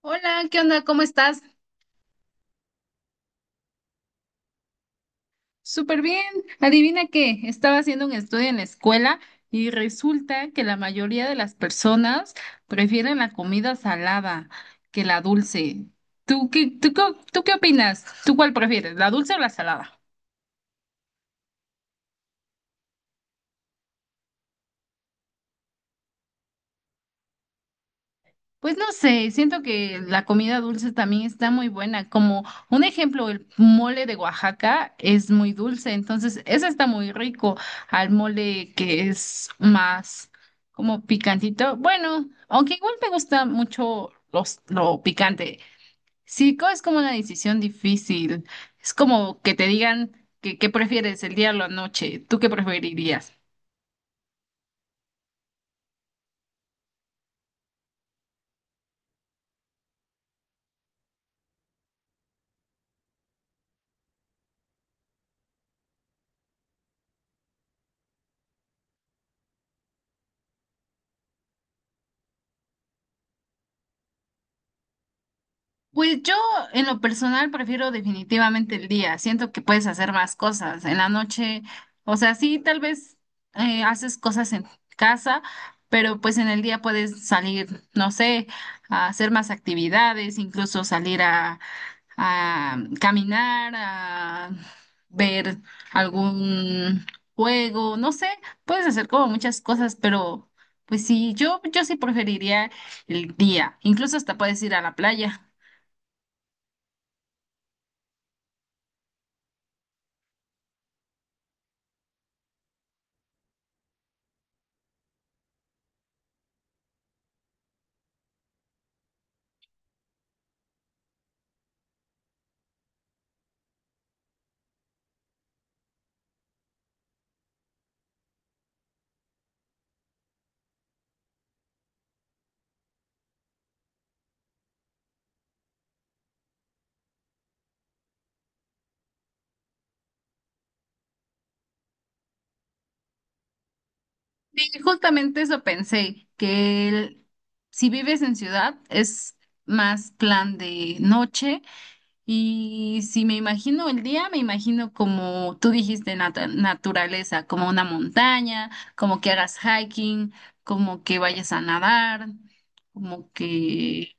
Hola, ¿qué onda? ¿Cómo estás? Súper bien. Adivina qué, estaba haciendo un estudio en la escuela y resulta que la mayoría de las personas prefieren la comida salada que la dulce. ¿Tú qué, tú, tú qué opinas? ¿Tú cuál prefieres, la dulce o la salada? Pues no sé, siento que la comida dulce también está muy buena. Como un ejemplo, el mole de Oaxaca es muy dulce, entonces ese está muy rico al mole que es más como picantito. Bueno, aunque igual me gusta mucho lo picante. Sí, es como una decisión difícil. Es como que te digan que prefieres el día o la noche. ¿Tú qué preferirías? Pues yo en lo personal prefiero definitivamente el día. Siento que puedes hacer más cosas en la noche. O sea, sí, tal vez haces cosas en casa, pero pues en el día puedes salir, no sé, a hacer más actividades, incluso salir a caminar, a ver algún juego, no sé, puedes hacer como muchas cosas, pero pues sí, yo sí preferiría el día. Incluso hasta puedes ir a la playa. Sí, justamente eso pensé, si vives en ciudad es más plan de noche y si me imagino el día, me imagino como tú dijiste, naturaleza, como una montaña, como que hagas hiking, como que vayas a nadar, como que,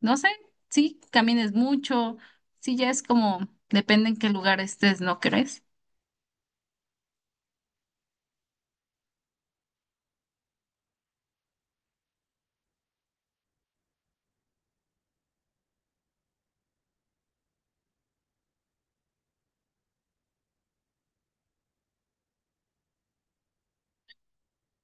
no sé, sí, camines mucho, sí, ya es como, depende en qué lugar estés, ¿no crees?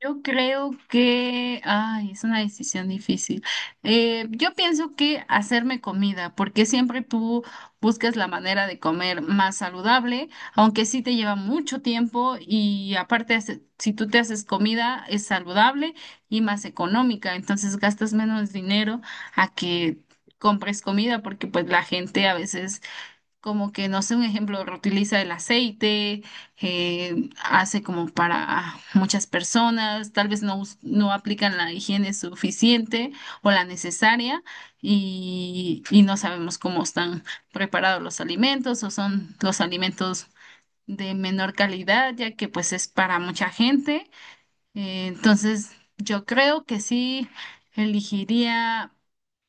Yo creo que, ay, es una decisión difícil. Yo pienso que hacerme comida, porque siempre tú buscas la manera de comer más saludable, aunque sí te lleva mucho tiempo y aparte, si tú te haces comida, es saludable y más económica, entonces gastas menos dinero a que compres comida, porque pues la gente a veces como que, no sé, un ejemplo, reutiliza el aceite, hace como para muchas personas, tal vez no, no aplican la higiene suficiente o la necesaria y no sabemos cómo están preparados los alimentos o son los alimentos de menor calidad, ya que pues es para mucha gente. Entonces, yo creo que sí elegiría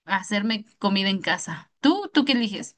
hacerme comida en casa. ¿Tú, tú qué eliges?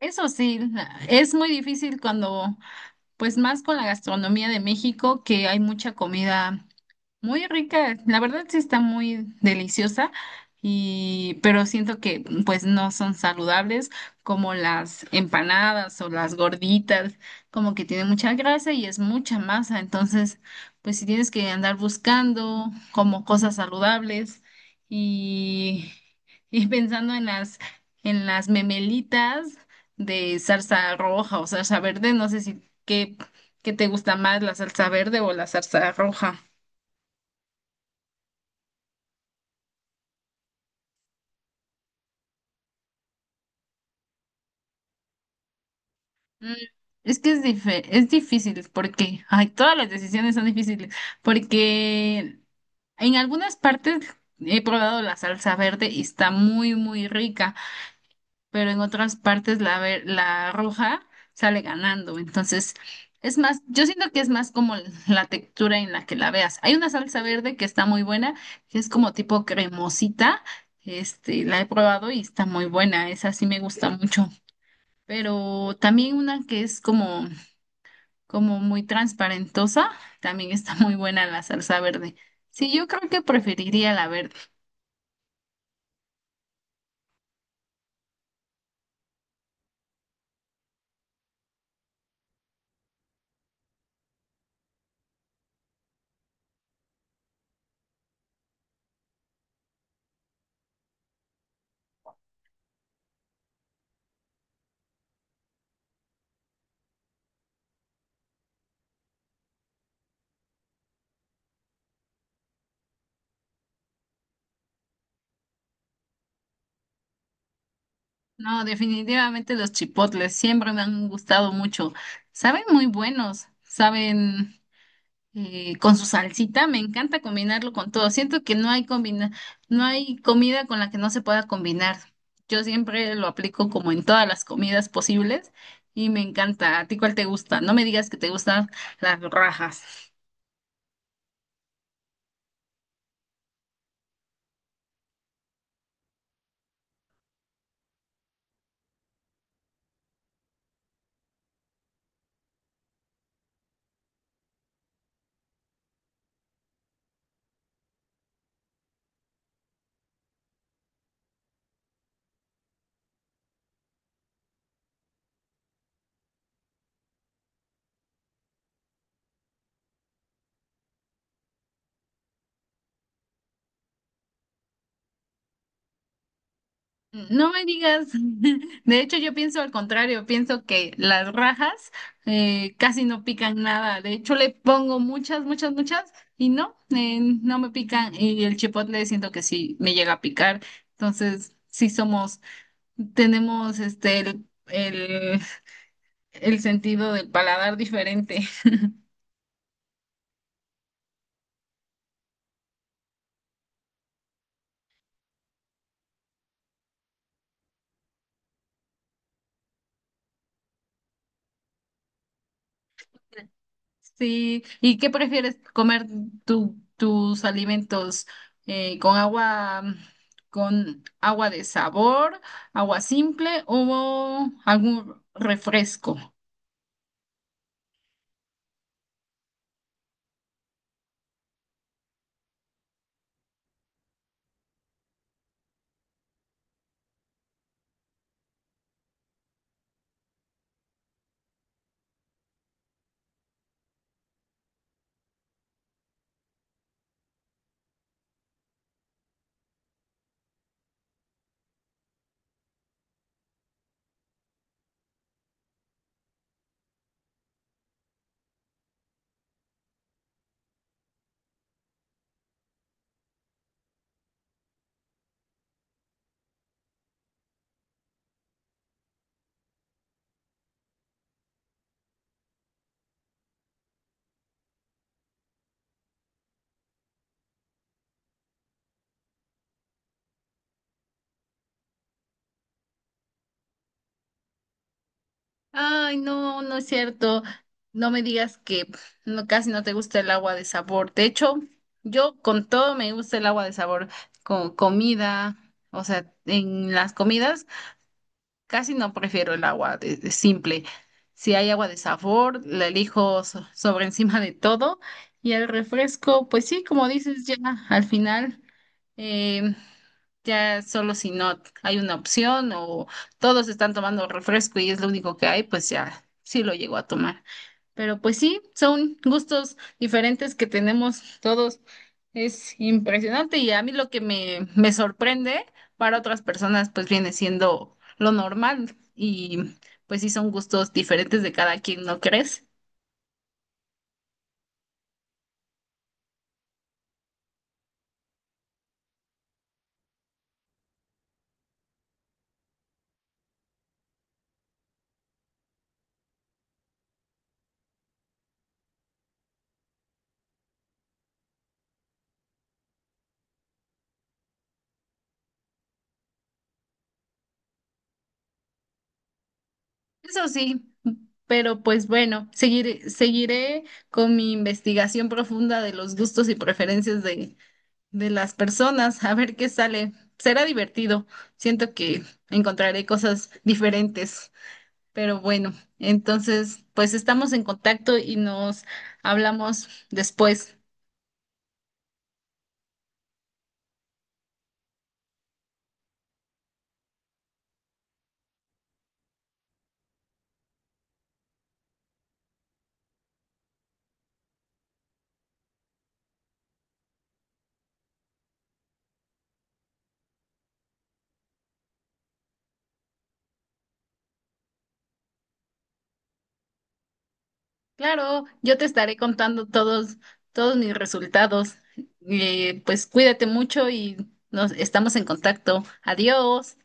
Eso sí, es muy difícil cuando, pues más con la gastronomía de México, que hay mucha comida. Muy rica, la verdad sí está muy deliciosa y pero siento que pues no son saludables como las empanadas o las gorditas, como que tienen mucha grasa y es mucha masa, entonces pues si tienes que andar buscando como cosas saludables y y pensando en las memelitas de salsa roja o salsa verde, no sé si qué te gusta más, la salsa verde o la salsa roja. Mm, es que es, es difícil porque, ay, todas las decisiones son difíciles porque en algunas partes he probado la salsa verde y está muy, muy rica, pero en otras partes la roja sale ganando. Entonces, es más, yo siento que es más como la textura en la que la veas. Hay una salsa verde que está muy buena, que es como tipo cremosita. Este, la he probado y está muy buena. Esa sí me gusta mucho pero también una que es como muy transparentosa, también está muy buena la salsa verde. Sí, yo creo que preferiría la verde. No, definitivamente los chipotles siempre me han gustado mucho. Saben muy buenos, saben con su salsita, me encanta combinarlo con todo. Siento que no hay combina, no hay comida con la que no se pueda combinar. Yo siempre lo aplico como en todas las comidas posibles y me encanta. ¿A ti cuál te gusta? No me digas que te gustan las rajas. No me digas. De hecho, yo pienso al contrario. Pienso que las rajas casi no pican nada. De hecho, le pongo muchas, muchas, muchas y no, no me pican. Y el chipotle siento que sí me llega a picar. Entonces, sí somos, tenemos este el sentido del paladar diferente. Sí, ¿y qué prefieres comer tus alimentos eh, con agua, con agua de sabor, agua simple o algún refresco? Ay, no, no es cierto. No me digas que no, casi no te gusta el agua de sabor. De hecho, yo con todo me gusta el agua de sabor, con comida, o sea, en las comidas. Casi no prefiero el agua de simple. Si hay agua de sabor, la elijo sobre encima de todo. Y el refresco, pues sí, como dices, ya al final, eh, ya solo si no hay una opción o todos están tomando refresco y es lo único que hay, pues ya sí lo llego a tomar. Pero pues sí, son gustos diferentes que tenemos todos. Es impresionante y a mí lo que me sorprende para otras personas pues viene siendo lo normal y pues sí son gustos diferentes de cada quien, ¿no crees? Eso sí, pero pues bueno, seguiré con mi investigación profunda de los gustos y preferencias de las personas a ver qué sale. Será divertido. Siento que encontraré cosas diferentes. Pero bueno, entonces, pues estamos en contacto y nos hablamos después. Claro, yo te estaré contando todos mis resultados. Pues cuídate mucho y nos estamos en contacto. Adiós.